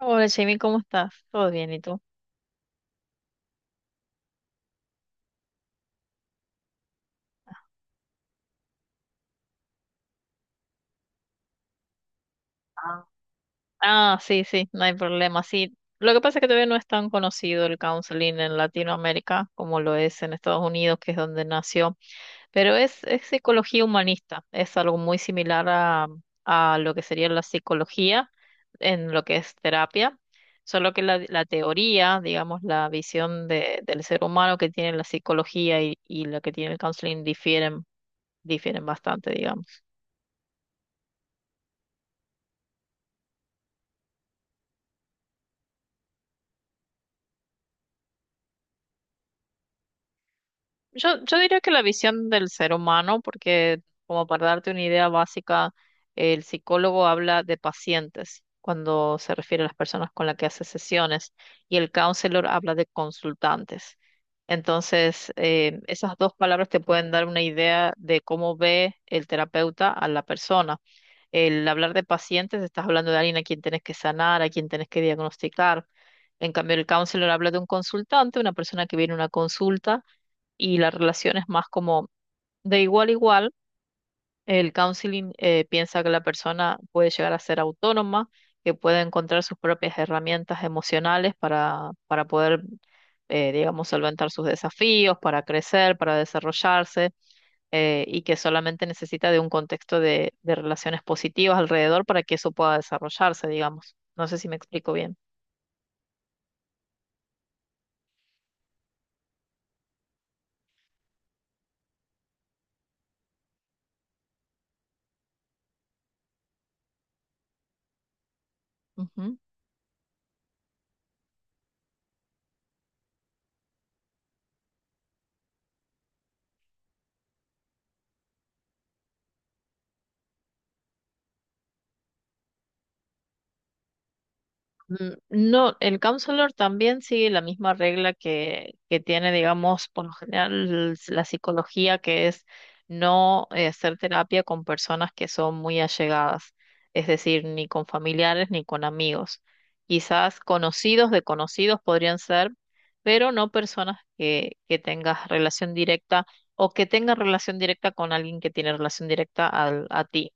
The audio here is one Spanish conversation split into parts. Hola, Jamie, ¿cómo estás? ¿Todo bien? ¿Y tú? Ah. Ah, sí, sí, no hay problema. Sí, lo que pasa es que todavía no es tan conocido el counseling en Latinoamérica como lo es en Estados Unidos, que es donde nació, pero es psicología humanista, es algo muy similar a lo que sería la psicología en lo que es terapia, solo que la teoría, digamos, la visión de, del ser humano que tiene la psicología y lo que tiene el counseling difieren, difieren bastante, digamos. Yo diría que la visión del ser humano, porque como para darte una idea básica, el psicólogo habla de pacientes cuando se refiere a las personas con las que hace sesiones y el counselor habla de consultantes. Entonces, esas dos palabras te pueden dar una idea de cómo ve el terapeuta a la persona. El hablar de pacientes, estás hablando de alguien a quien tenés que sanar, a quien tenés que diagnosticar. En cambio, el counselor habla de un consultante, una persona que viene a una consulta y la relación es más como de igual a igual. El counseling piensa que la persona puede llegar a ser autónoma, que puede encontrar sus propias herramientas emocionales para poder, digamos, solventar sus desafíos, para crecer, para desarrollarse, y que solamente necesita de un contexto de relaciones positivas alrededor para que eso pueda desarrollarse, digamos. No sé si me explico bien. Ujú. Mm, no, el counselor también sigue la misma regla que tiene, digamos, por lo general la psicología, que es no hacer terapia con personas que son muy allegadas, es decir, ni con familiares ni con amigos. Quizás conocidos de conocidos podrían ser, pero no personas que tengas relación directa o que tengas relación directa con alguien que tiene relación directa a ti.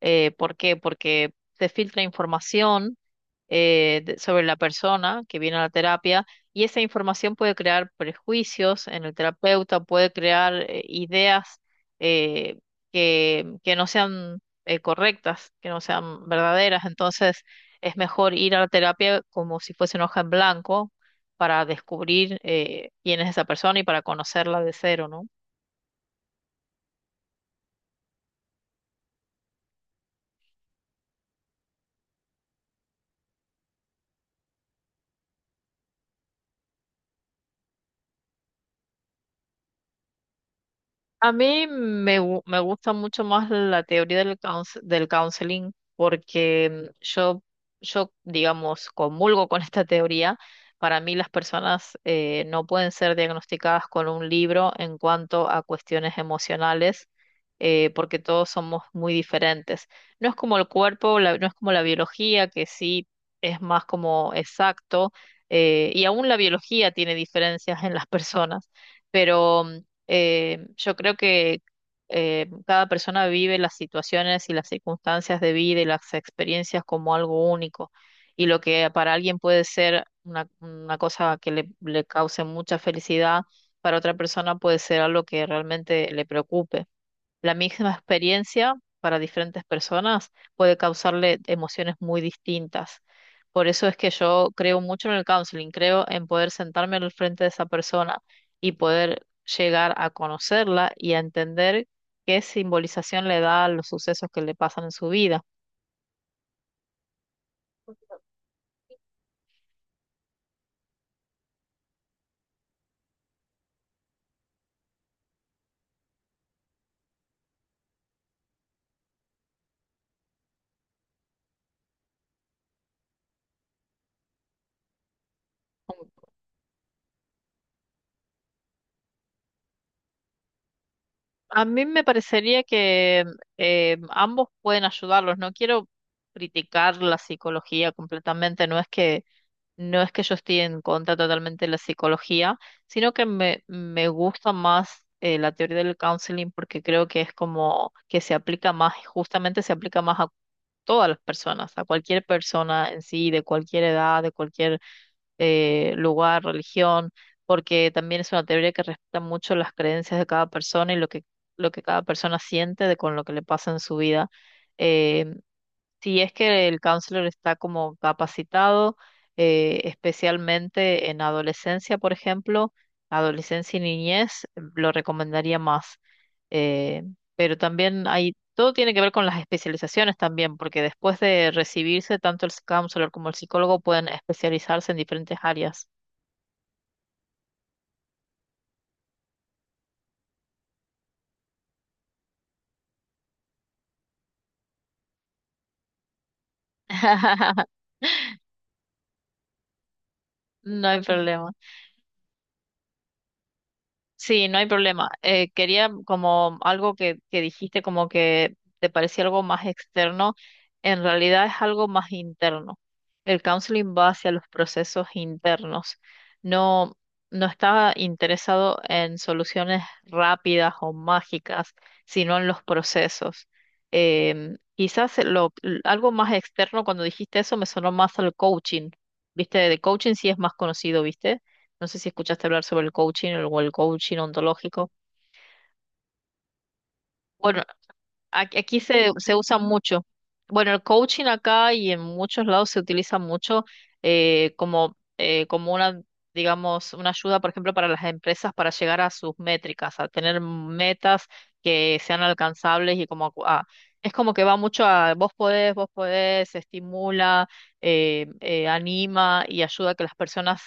¿Por qué? Porque se filtra información sobre la persona que viene a la terapia y esa información puede crear prejuicios en el terapeuta, puede crear ideas eh, que no sean correctas, que no sean verdaderas. Entonces es mejor ir a la terapia como si fuese una hoja en blanco para descubrir quién es esa persona y para conocerla de cero, ¿no? A mí me gusta mucho más la teoría del counseling porque yo, digamos, comulgo con esta teoría. Para mí las personas no pueden ser diagnosticadas con un libro en cuanto a cuestiones emocionales porque todos somos muy diferentes. No es como el cuerpo, no es como la biología, que sí es más como exacto y aún la biología tiene diferencias en las personas. Pero yo creo que cada persona vive las situaciones y las circunstancias de vida y las experiencias como algo único. Y lo que para alguien puede ser una cosa que le cause mucha felicidad, para otra persona puede ser algo que realmente le preocupe. La misma experiencia para diferentes personas puede causarle emociones muy distintas. Por eso es que yo creo mucho en el counseling, creo en poder sentarme al frente de esa persona y poder llegar a conocerla y a entender qué simbolización le da a los sucesos que le pasan en su vida. A mí me parecería que ambos pueden ayudarlos. No quiero criticar la psicología completamente, no es que No es que yo esté en contra totalmente de la psicología, sino que me gusta más la teoría del counseling porque creo que es como que se aplica más, justamente se aplica más a todas las personas, a cualquier persona en sí, de cualquier edad, de cualquier lugar, religión, porque también es una teoría que respeta mucho las creencias de cada persona y lo que cada persona siente de con lo que le pasa en su vida. eh, si es que el counselor está como capacitado, especialmente en adolescencia, por ejemplo, adolescencia y niñez, lo recomendaría más. Eh, pero también hay, todo tiene que ver con las especializaciones también, porque después de recibirse, tanto el counselor como el psicólogo pueden especializarse en diferentes áreas. No hay problema. Sí, no hay problema. Quería como algo que dijiste como que te parecía algo más externo, en realidad es algo más interno. El counseling va hacia los procesos internos. No, no está interesado en soluciones rápidas o mágicas, sino en los procesos. Quizás lo, algo más externo, cuando dijiste eso, me sonó más al coaching. ¿Viste? De coaching sí es más conocido, ¿viste? No sé si escuchaste hablar sobre el coaching o el coaching ontológico. Bueno, aquí se usa mucho. Bueno, el coaching acá y en muchos lados se utiliza mucho como una, digamos, una ayuda, por ejemplo, para las empresas para llegar a sus métricas, a tener metas que sean alcanzables y como es como que va mucho a vos podés, estimula, anima y ayuda a que las personas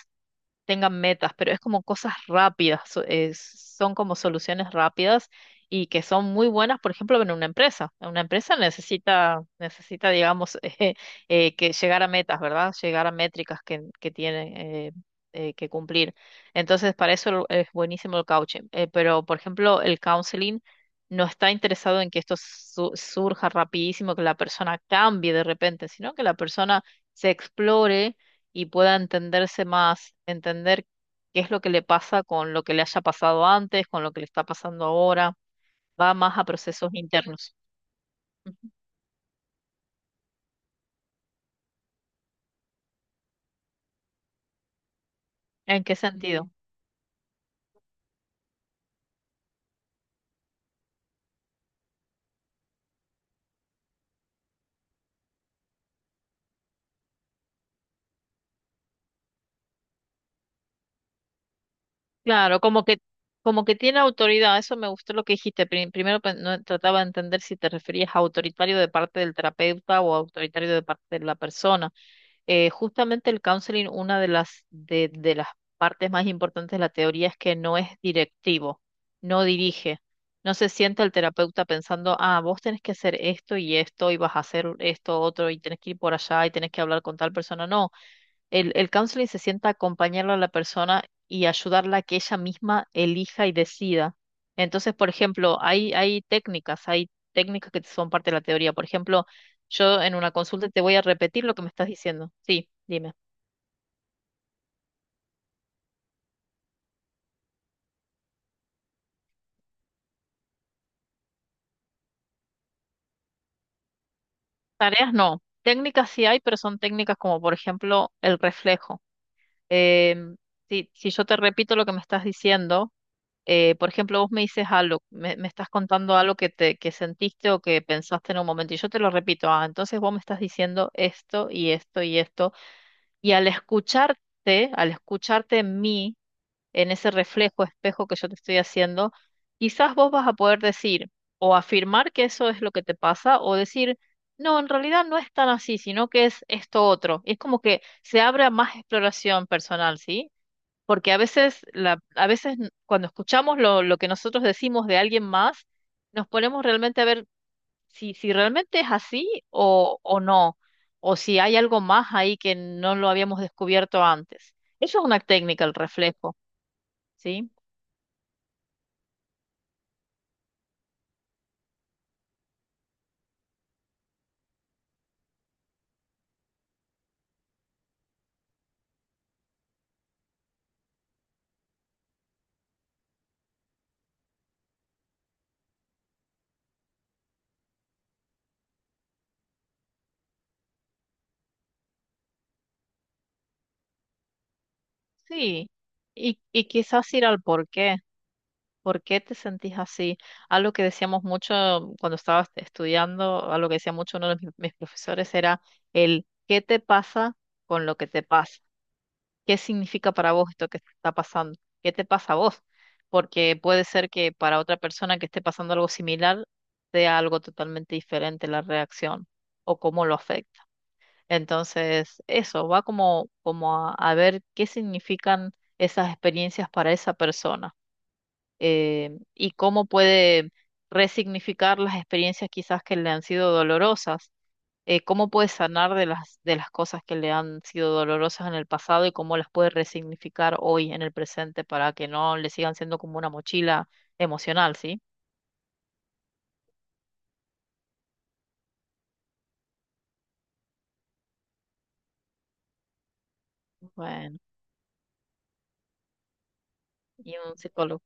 tengan metas, pero es como cosas rápidas, son como soluciones rápidas y que son muy buenas, por ejemplo, en una empresa. Una empresa necesita, digamos, que llegar a metas, ¿verdad? Llegar a métricas que tiene que cumplir. Entonces, para eso es buenísimo el coaching. Pero, por ejemplo, el counseling no está interesado en que esto surja rapidísimo, que la persona cambie de repente, sino que la persona se explore y pueda entenderse más, entender qué es lo que le pasa con lo que le haya pasado antes, con lo que le está pasando ahora, va más a procesos internos. Ujú. ¿En qué sentido? Claro, como que tiene autoridad, eso me gustó lo que dijiste. Primero no, trataba de entender si te referías a autoritario de parte del terapeuta o autoritario de parte de la persona. Justamente el counseling, una de de las partes más importantes de la teoría es que no es directivo, no dirige. No se sienta el terapeuta pensando, ah, vos tenés que hacer esto y esto, y vas a hacer esto otro, y tenés que ir por allá, y tenés que hablar con tal persona. No, el counseling se sienta a acompañarlo a la persona y ayudarla a que ella misma elija y decida. Entonces, por ejemplo, hay técnicas que son parte de la teoría. Por ejemplo, yo en una consulta te voy a repetir lo que me estás diciendo. Sí, dime. Tareas no. Técnicas sí hay, pero son técnicas como, por ejemplo, el reflejo. Em, si, si yo te repito lo que me estás diciendo, por ejemplo, vos me dices algo, me estás contando algo que te, que sentiste o que pensaste en un momento, y yo te lo repito, ah, entonces vos me estás diciendo esto y esto y esto, y al escucharte en mí, en ese reflejo, espejo que yo te estoy haciendo, quizás vos vas a poder decir o afirmar que eso es lo que te pasa o decir, no, en realidad no es tan así, sino que es esto otro. Y es como que se abra más exploración personal, ¿sí? Porque a veces, a veces cuando escuchamos lo que nosotros decimos de alguien más, nos ponemos realmente a ver si, si realmente es así o no, o si hay algo más ahí que no lo habíamos descubierto antes. Eso es una técnica, el reflejo, ¿sí? Sí. Y quizás ir al por qué. ¿Por qué te sentís así? Algo que decíamos mucho cuando estabas estudiando, algo que decía mucho uno de mis profesores era el ¿qué te pasa con lo que te pasa? ¿Qué significa para vos esto que está pasando? ¿Qué te pasa a vos? Porque puede ser que para otra persona que esté pasando algo similar sea algo totalmente diferente la reacción o cómo lo afecta. Entonces, eso va como a ver qué significan esas experiencias para esa persona y cómo puede resignificar las experiencias quizás que le han sido dolorosas cómo puede sanar de las cosas que le han sido dolorosas en el pasado y cómo las puede resignificar hoy en el presente para que no le sigan siendo como una mochila emocional, ¿sí? Bueno, y un psicólogo.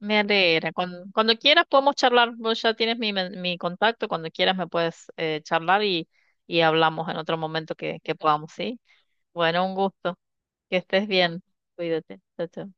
Me alegra. Cuando, cuando quieras podemos charlar, vos ya tienes mi contacto, cuando quieras me puedes charlar y hablamos en otro momento que podamos, ¿sí? Bueno, un gusto. Que estés bien. Cuídate. Chao, chao.